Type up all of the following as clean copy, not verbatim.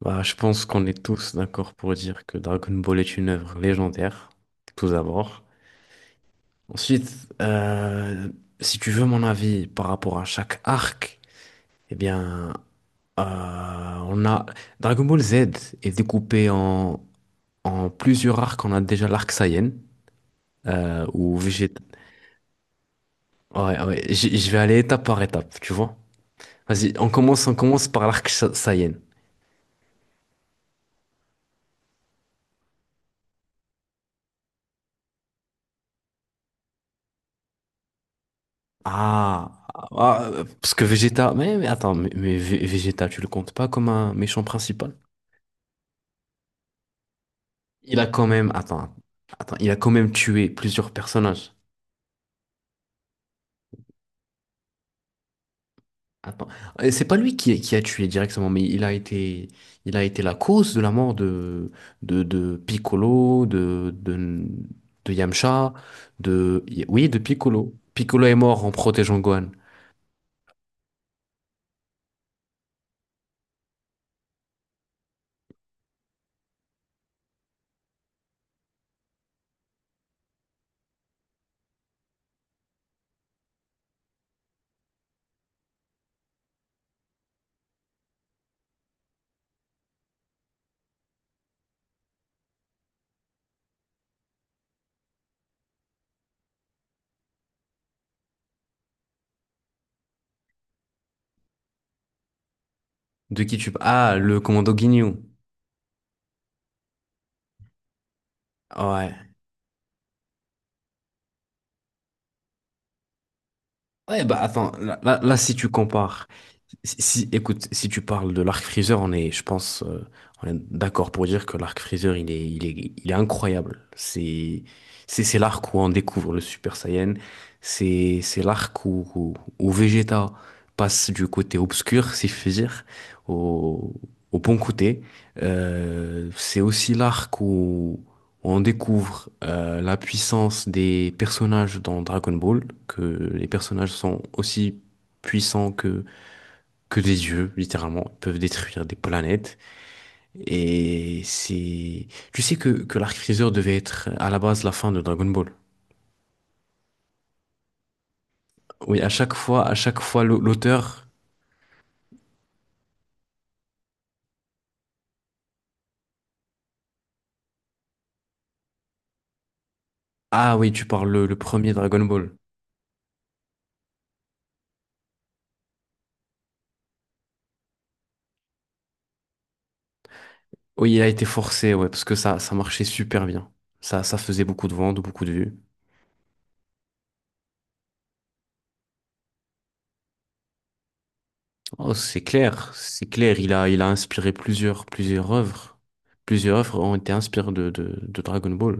Bah, je pense qu'on est tous d'accord pour dire que Dragon Ball est une œuvre légendaire, tout d'abord. Ensuite, euh, si tu veux mon avis par rapport à chaque arc, eh bien, on a Dragon Ball Z est découpé en plusieurs arcs. On a déjà l'arc Saiyan, où Vegeta. Ouais, ouais, je vais aller étape par étape, tu vois. Vas-y, on commence par l'arc Saiyan. Ah, parce que Vegeta, mais attends, mais Vegeta, tu le comptes pas comme un méchant principal? Il a quand même, attends, attends, il a quand même tué plusieurs personnages. Attends, et c'est pas lui qui a tué directement, mais il a été la cause de la mort de Piccolo, de Yamcha, de, oui, de Piccolo. Piccolo est mort en protégeant Gohan. De qui tu, ah, le commando Ginyu. Ouais. Ouais, bah attends, là, si tu compares, si écoute, si tu parles de l'arc Freezer, on est, je pense, on est d'accord pour dire que l'arc Freezer, il est incroyable. C'est l'arc où on découvre le Super Saiyan. C'est l'arc où Vegeta passe du côté obscur, si je puis dire, au, au bon côté. C'est aussi l'arc où on découvre la puissance des personnages dans Dragon Ball, que les personnages sont aussi puissants que, que des dieux, littéralement. Ils peuvent détruire des planètes. Et c'est... Tu sais que l'arc Freezer devait être à la base la fin de Dragon Ball. Oui, à chaque fois, l'auteur... Ah oui, tu parles le premier Dragon Ball. Oui, il a été forcé, ouais, parce que ça marchait super bien. Ça faisait beaucoup de ventes, beaucoup de vues. Oh, c'est clair, c'est clair. Il a inspiré plusieurs œuvres. Plusieurs œuvres ont été inspirées de Dragon Ball.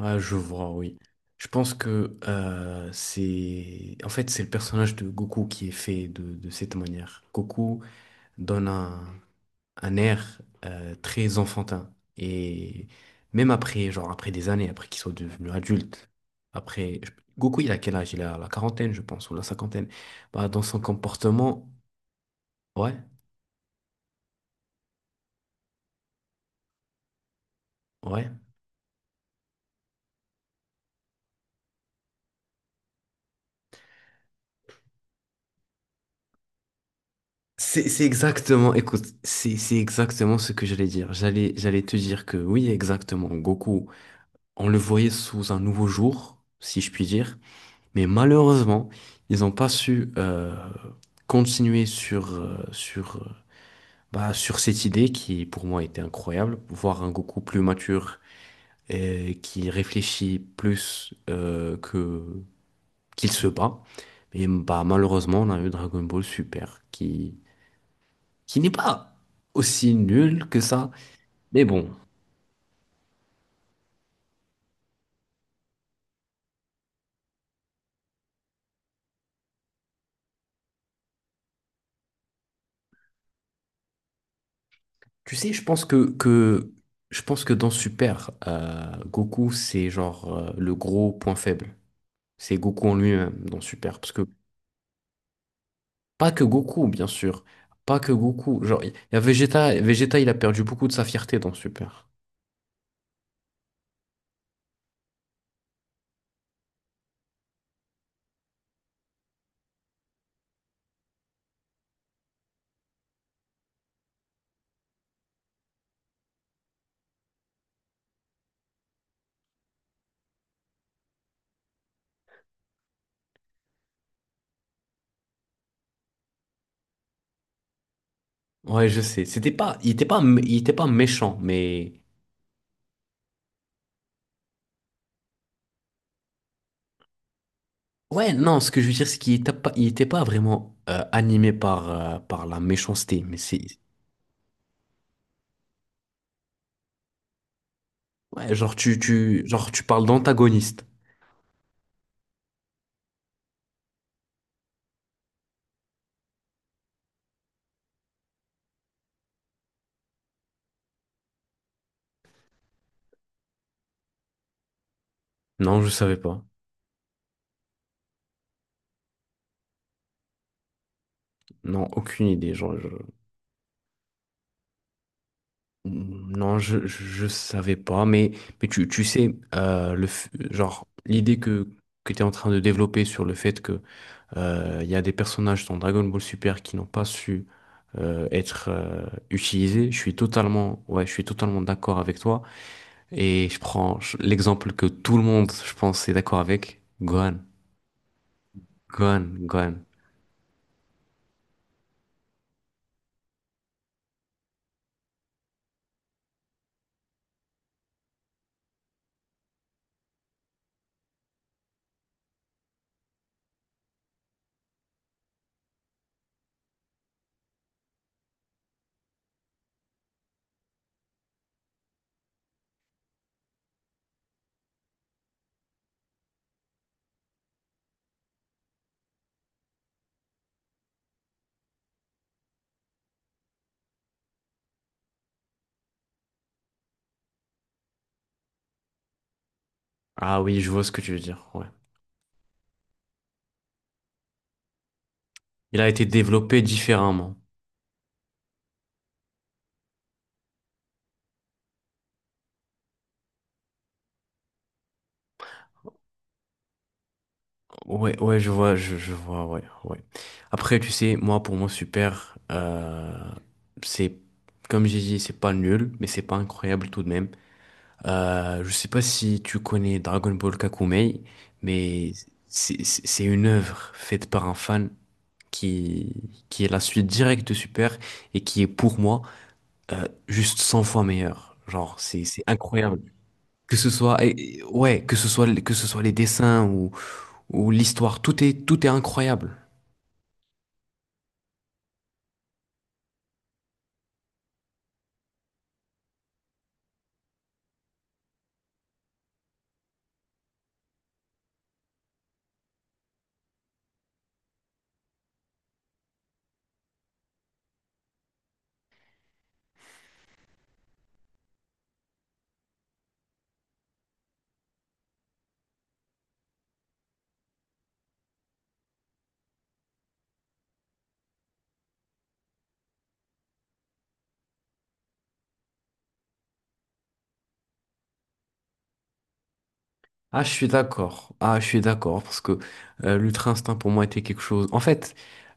Ah, je vois, oui. Je pense que c'est... En fait, c'est le personnage de Goku qui est fait de cette manière. Goku donne un air très enfantin. Et même après, genre après des années, après qu'il soit devenu adulte, après... Goku, il a quel âge? Il a la quarantaine, je pense, ou la cinquantaine. Bah, dans son comportement, ouais, ouais. C'est exactement, écoute, c'est exactement ce que j'allais dire. J'allais te dire que oui, exactement, Goku, on le voyait sous un nouveau jour, si je puis dire, mais malheureusement, ils n'ont pas su continuer sur sur bah, sur cette idée qui pour moi était incroyable, voir un Goku plus mature et qui réfléchit plus que qu'il se bat. Et bah malheureusement, on a eu Dragon Ball Super qui n'est pas aussi nul que ça. Mais bon, tu sais, je pense que je pense que dans Super, Goku, c'est genre le gros point faible. C'est Goku en lui-même dans Super. Parce que pas que Goku, bien sûr. Pas que Goku. Genre, il y a Vegeta. Vegeta, il a perdu beaucoup de sa fierté dans Super. Ouais, je sais. C'était pas, il était pas, il était pas méchant, mais ouais, non. Ce que je veux dire, c'est qu'il était pas, il était pas vraiment animé par par la méchanceté. Mais c'est ouais, genre genre tu parles d'antagoniste. Non, je savais pas. Non, aucune idée. Genre, non, je savais pas. Mais tu sais, genre, l'idée que tu es en train de développer sur le fait que il y a des personnages dans Dragon Ball Super qui n'ont pas su être utilisés, je suis totalement, ouais, je suis totalement d'accord avec toi. Et je prends l'exemple que tout le monde, je pense, est d'accord avec, Gohan. Gohan. Ah oui, je vois ce que tu veux dire. Ouais. Il a été développé différemment. Ouais, ouais, je vois, ouais, ouais. Après, tu sais, moi, pour mon super, c'est, comme j'ai dit, c'est pas nul, mais c'est pas incroyable tout de même. Je sais pas si tu connais Dragon Ball Kakumei, mais c'est une œuvre faite par un fan qui est la suite directe de Super et qui est pour moi juste 100 fois meilleure. Genre, c'est incroyable. Que ce soit, ouais, que ce soit les dessins où l'histoire, tout est incroyable. Ah, je suis d'accord. Ah, je suis d'accord parce que l'ultra-instinct pour moi était quelque chose. En fait,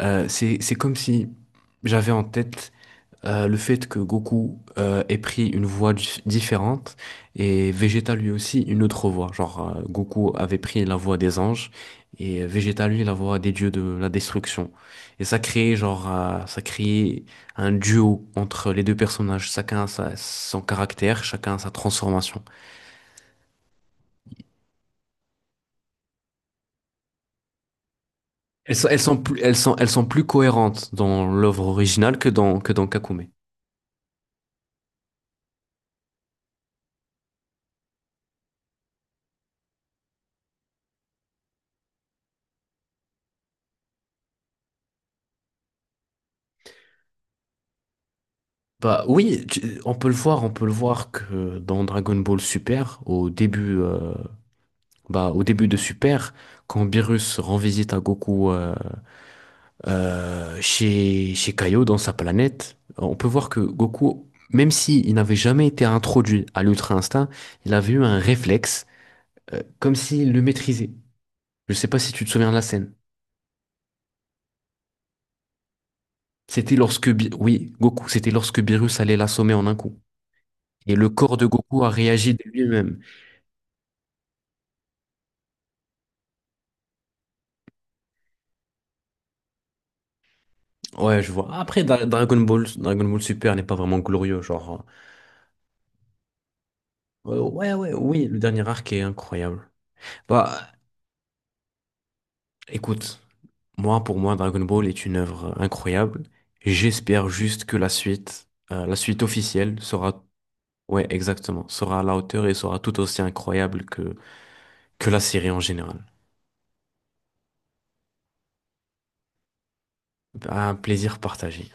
c'est comme si j'avais en tête le fait que Goku ait pris une voie différente et Vegeta lui aussi une autre voie. Genre Goku avait pris la voie des anges et Vegeta lui la voie des dieux de la destruction. Et ça créait genre ça créait un duo entre les deux personnages. Chacun a son caractère, chacun a sa transformation. Elles sont plus cohérentes dans l'œuvre originale que que dans Kakume. Bah oui, on peut le voir, on peut le voir que dans Dragon Ball Super, au début, bah, au début de Super, quand Beerus rend visite à Goku chez, chez Kaio dans sa planète, on peut voir que Goku, même si il n'avait jamais été introduit à l'Ultra Instinct, il avait eu un réflexe, comme s'il le maîtrisait. Je sais pas si tu te souviens de la scène. C'était lorsque, oui, Goku, c'était lorsque Beerus allait l'assommer en un coup. Et le corps de Goku a réagi de lui-même. Ouais, je vois. Après, Dragon Ball Super n'est pas vraiment glorieux, genre. Ouais, oui, le dernier arc est incroyable. Bah, écoute, moi, pour moi, Dragon Ball est une œuvre incroyable. J'espère juste que la suite officielle sera, ouais, exactement, sera à la hauteur et sera tout aussi incroyable que la série en général. Bah, un plaisir partagé.